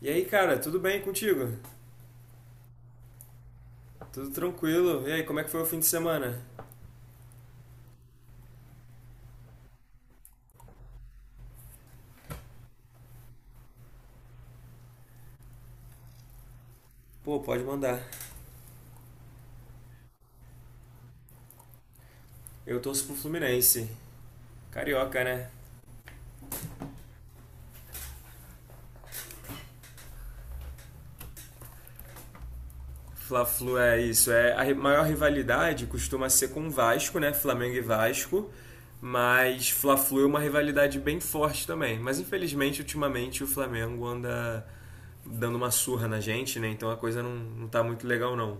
E aí, cara, tudo bem contigo? Tudo tranquilo? E aí, como é que foi o fim de semana? Pô, pode mandar. Eu torço pro Fluminense. Carioca, né? Fla-Flu é isso. É a maior rivalidade costuma ser com o Vasco, né? Flamengo e Vasco. Mas Fla-Flu é uma rivalidade bem forte também. Mas infelizmente, ultimamente, o Flamengo anda dando uma surra na gente, né? Então a coisa não tá muito legal, não.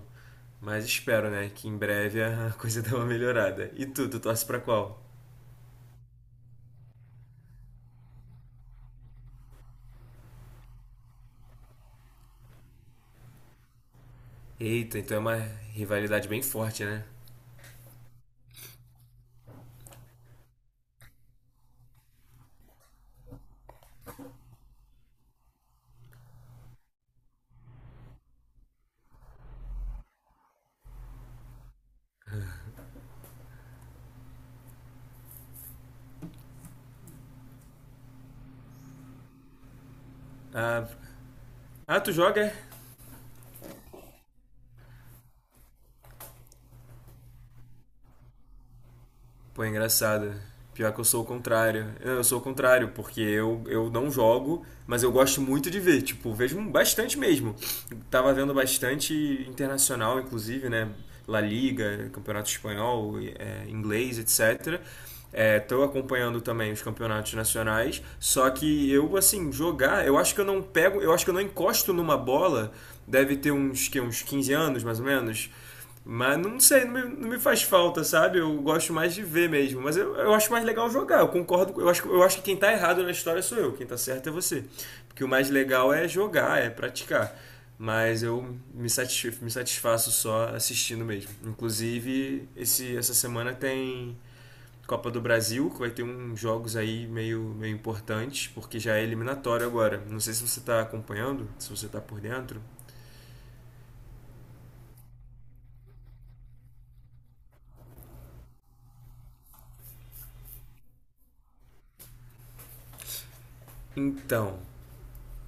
Mas espero, né? Que em breve a coisa dê uma melhorada. E tu torce pra qual? Eita, então é uma rivalidade bem forte, né? Ah, ah, tu joga? É? Pô, é engraçado. Pior que eu sou o contrário. Eu sou o contrário, porque eu não jogo, mas eu gosto muito de ver. Tipo, vejo bastante mesmo. Tava vendo bastante internacional, inclusive, né? La Liga, Campeonato Espanhol, inglês, etc. Estou acompanhando também os campeonatos nacionais, só que eu, assim, jogar, eu acho que eu não pego, eu acho que eu não encosto numa bola, deve ter uns, que, uns 15 anos, mais ou menos. Mas não sei, não me faz falta, sabe? Eu gosto mais de ver mesmo. Mas eu acho mais legal jogar, eu concordo. Eu acho que quem tá errado na história sou eu, quem tá certo é você. Porque o mais legal é jogar, é praticar. Mas me satisfaço só assistindo mesmo. Inclusive, essa semana tem Copa do Brasil, que vai ter uns jogos aí meio importantes, porque já é eliminatório agora. Não sei se você tá acompanhando, se você tá por dentro. Então,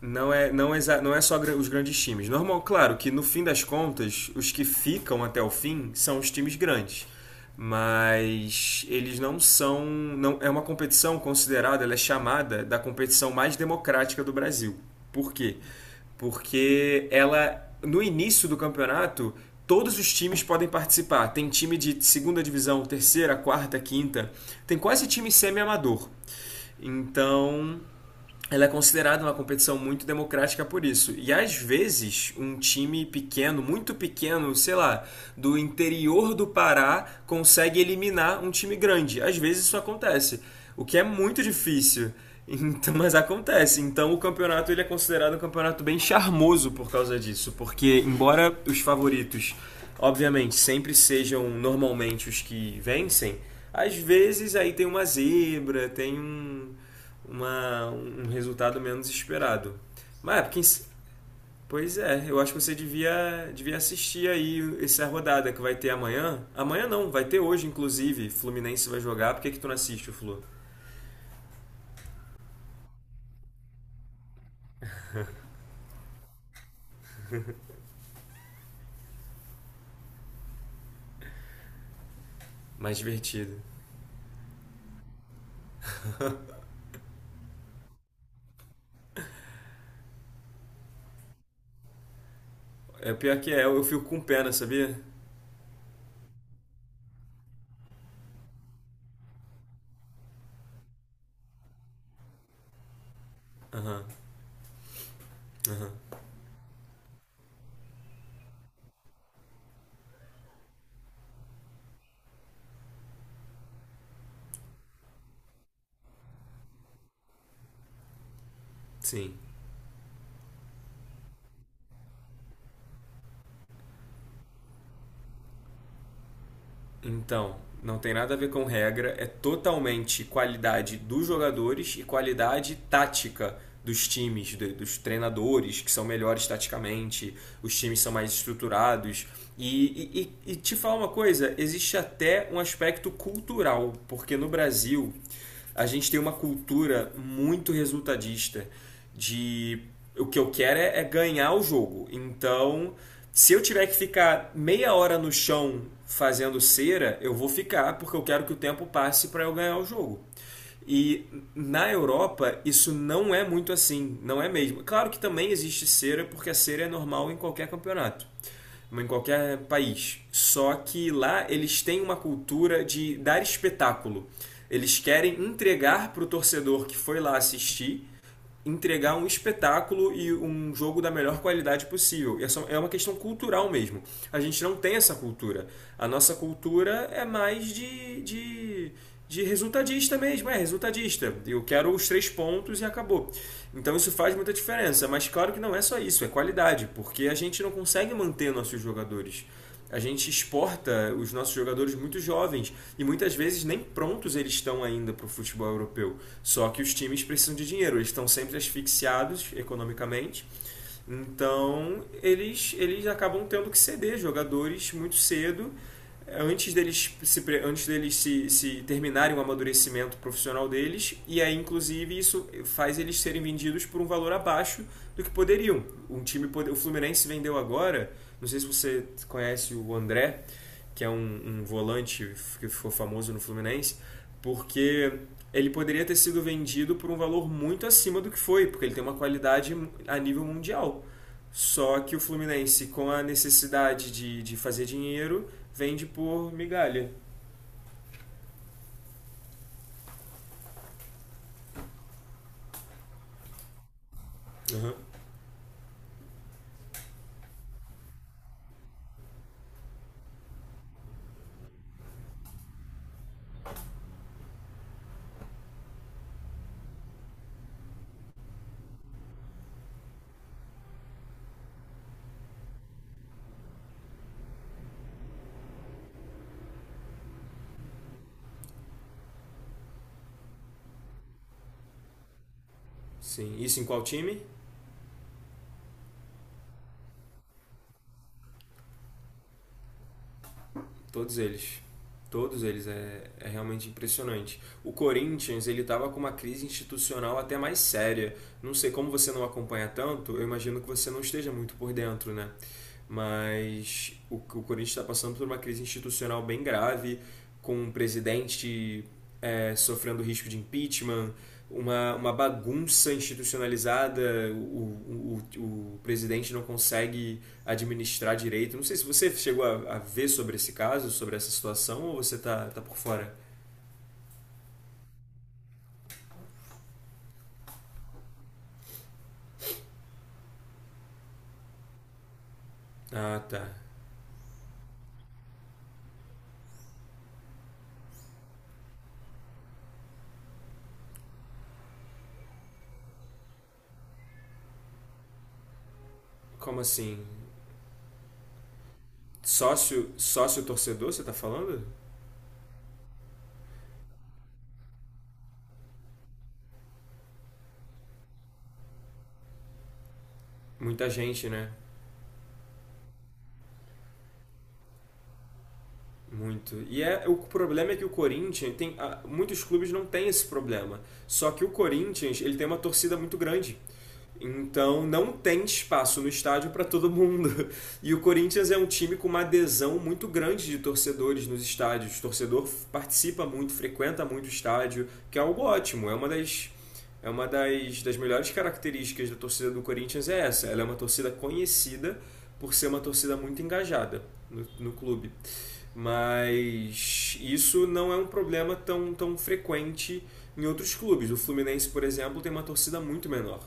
Não é só os grandes times. Normal, claro que no fim das contas, os que ficam até o fim são os times grandes. Mas eles não são. Não, é uma competição considerada, ela é chamada da competição mais democrática do Brasil. Por quê? Porque ela, no início do campeonato, todos os times podem participar. Tem time de segunda divisão, terceira, quarta, quinta. Tem quase time semi-amador. Então, ela é considerada uma competição muito democrática por isso. E às vezes, um time pequeno, muito pequeno, sei lá, do interior do Pará, consegue eliminar um time grande. Às vezes isso acontece, o que é muito difícil. Então, mas acontece. Então o campeonato ele é considerado um campeonato bem charmoso por causa disso, porque embora os favoritos, obviamente, sempre sejam normalmente os que vencem, às vezes aí tem uma zebra, tem um resultado menos esperado. Mas é, porque, pois é, eu acho que você devia assistir aí essa rodada que vai ter amanhã. Amanhã não, vai ter hoje, inclusive. Fluminense vai jogar. Por que, que tu não assiste o Flu? Mais divertido. É pior que é, eu fico com pena, sabia? Aham, uhum, sim. Então, não tem nada a ver com regra, é totalmente qualidade dos jogadores e qualidade tática dos times, dos treinadores que são melhores taticamente, os times são mais estruturados. E te falar uma coisa: existe até um aspecto cultural, porque no Brasil a gente tem uma cultura muito resultadista de o que eu quero é ganhar o jogo. Então, se eu tiver que ficar meia hora no chão fazendo cera, eu vou ficar porque eu quero que o tempo passe para eu ganhar o jogo. E na Europa isso não é muito assim, não é mesmo. Claro que também existe cera porque a cera é normal em qualquer campeonato em qualquer país. Só que lá eles têm uma cultura de dar espetáculo. Eles querem entregar para o torcedor que foi lá assistir entregar um espetáculo e um jogo da melhor qualidade possível. É uma questão cultural mesmo. A gente não tem essa cultura. A nossa cultura é mais de resultadista mesmo, é resultadista. Eu quero os 3 pontos e acabou. Então isso faz muita diferença. Mas claro que não é só isso, é qualidade, porque a gente não consegue manter nossos jogadores. A gente exporta os nossos jogadores muito jovens e muitas vezes nem prontos eles estão ainda para o futebol europeu. Só que os times precisam de dinheiro, eles estão sempre asfixiados economicamente. Então, eles acabam tendo que ceder jogadores muito cedo, antes deles, se terminarem o amadurecimento profissional deles, e aí, inclusive, isso faz eles serem vendidos por um valor abaixo do que poderiam. Um time, o Fluminense vendeu agora, não sei se você conhece o André, que é um volante que ficou famoso no Fluminense, porque ele poderia ter sido vendido por um valor muito acima do que foi, porque ele tem uma qualidade a nível mundial. Só que o Fluminense, com a necessidade de fazer dinheiro, vende por migalha. Uhum. Sim. Isso em qual time? Todos eles. Todos eles. É, é realmente impressionante. O Corinthians, ele tava com uma crise institucional até mais séria. Não sei como você não acompanha tanto, eu imagino que você não esteja muito por dentro, né? Mas o Corinthians está passando por uma crise institucional bem grave, com o presidente sofrendo risco de impeachment, uma bagunça institucionalizada, o presidente não consegue administrar direito. Não sei se você chegou a ver sobre esse caso, sobre essa situação, ou você tá por fora? Ah, tá. Como assim? Sócio torcedor, você tá falando? Muita gente, né? Muito. E o problema é que o Corinthians tem. Muitos clubes não têm esse problema. Só que o Corinthians ele tem uma torcida muito grande. Então não tem espaço no estádio para todo mundo. E o Corinthians é um time com uma adesão muito grande de torcedores nos estádios. O torcedor participa muito, frequenta muito o estádio, que é algo ótimo. É uma das melhores características da torcida do Corinthians é essa. Ela é uma torcida conhecida por ser uma torcida muito engajada no clube. Mas isso não é um problema tão frequente em outros clubes. O Fluminense, por exemplo, tem uma torcida muito menor.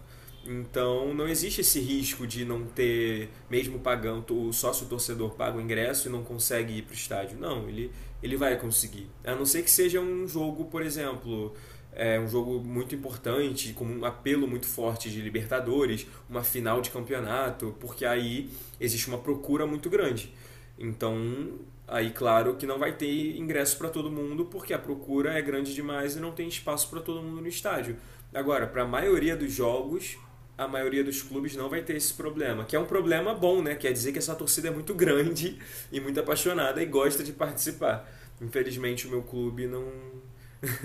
Então não existe esse risco de não ter, mesmo pagando, o sócio torcedor paga o ingresso e não consegue ir para o estádio. Não, ele vai conseguir. A não ser que seja um jogo, por exemplo, um jogo muito importante, com um apelo muito forte de Libertadores, uma final de campeonato, porque aí existe uma procura muito grande. Então, aí, claro que não vai ter ingresso para todo mundo, porque a procura é grande demais e não tem espaço para todo mundo no estádio. Agora, para a maioria dos jogos, a maioria dos clubes não vai ter esse problema, que é um problema bom, né? Quer dizer que essa torcida é muito grande e muito apaixonada e gosta de participar. Infelizmente, o meu clube não,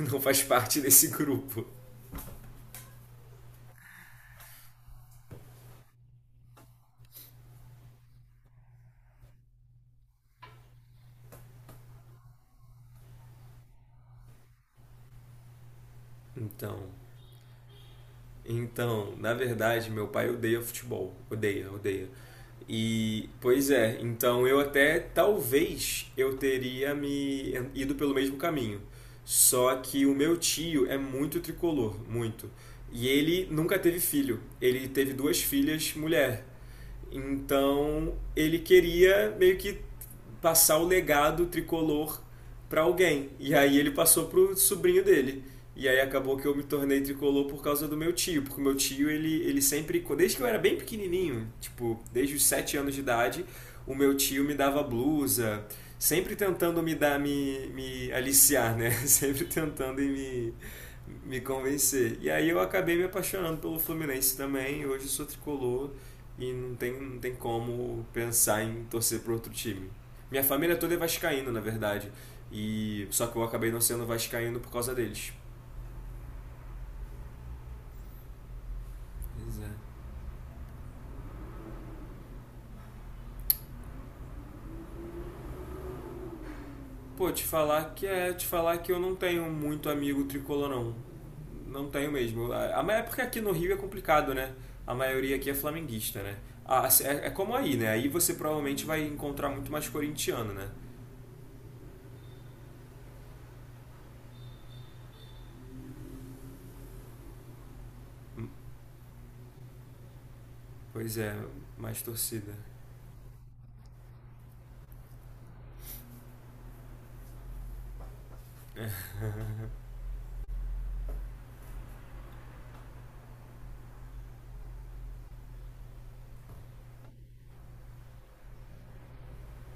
não faz parte desse grupo. Então, Então, na verdade, meu pai odeia futebol. Odeia, odeia. E, pois é, então eu até talvez eu teria me ido pelo mesmo caminho. Só que o meu tio é muito tricolor, muito. E ele nunca teve filho. Ele teve duas filhas mulher. Então ele queria meio que passar o legado tricolor para alguém. E aí ele passou pro sobrinho dele. E aí acabou que eu me tornei tricolor por causa do meu tio, porque o meu tio, ele sempre, desde que eu era bem pequenininho, tipo, desde os 7 anos de idade, o meu tio me dava blusa, sempre tentando me dar, me aliciar, né? Sempre tentando me convencer. E aí eu acabei me apaixonando pelo Fluminense também, hoje eu sou tricolor e não tem como pensar em torcer para outro time. Minha família toda é vascaína, na verdade. E só que eu acabei não sendo vascaíno por causa deles. Pois é. Pô, te falar que eu não tenho muito amigo tricolor não. Não tenho mesmo. A é porque aqui no Rio é complicado, né? A maioria aqui é flamenguista, né? Ah, é como aí, né? Aí você provavelmente vai encontrar muito mais corintiano, né? Pois é, mais torcida.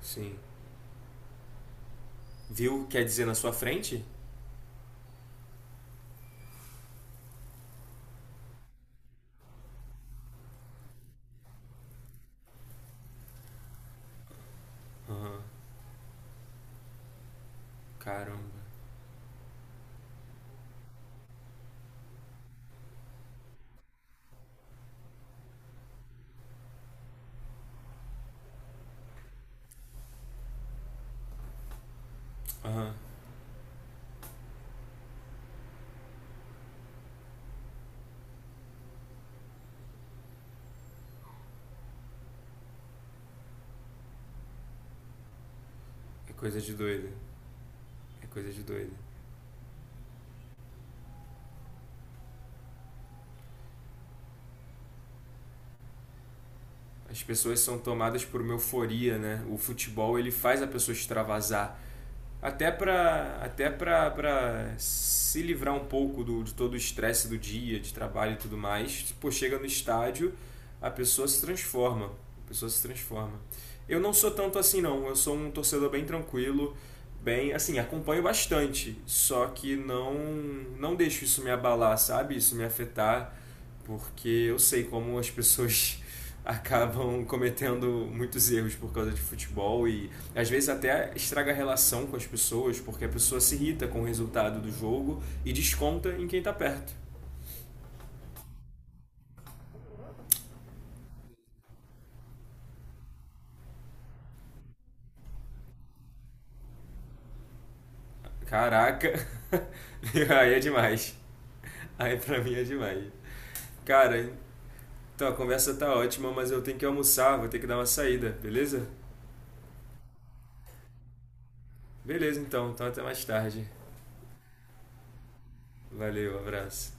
Sim. Viu? O que quer dizer na sua frente? Aham. Caramba. Aham. É coisa de doida. É coisa de doida. As pessoas são tomadas por uma euforia, né? O futebol, ele faz a pessoa extravasar. Até pra se livrar um pouco de todo o estresse do dia, de trabalho e tudo mais. Pô, chega no estádio, a pessoa se transforma. A pessoa se transforma. Eu não sou tanto assim, não. Eu sou um torcedor bem tranquilo, bem, assim, acompanho bastante. Só que não deixo isso me abalar, sabe? Isso me afetar porque eu sei como as pessoas acabam cometendo muitos erros por causa de futebol e às vezes até estraga a relação com as pessoas, porque a pessoa se irrita com o resultado do jogo e desconta em quem tá perto. Caraca, aí é demais. Aí pra mim é demais. Cara, então a conversa tá ótima, mas eu tenho que almoçar, vou ter que dar uma saída, beleza? Beleza então, então até mais tarde. Valeu, abraço.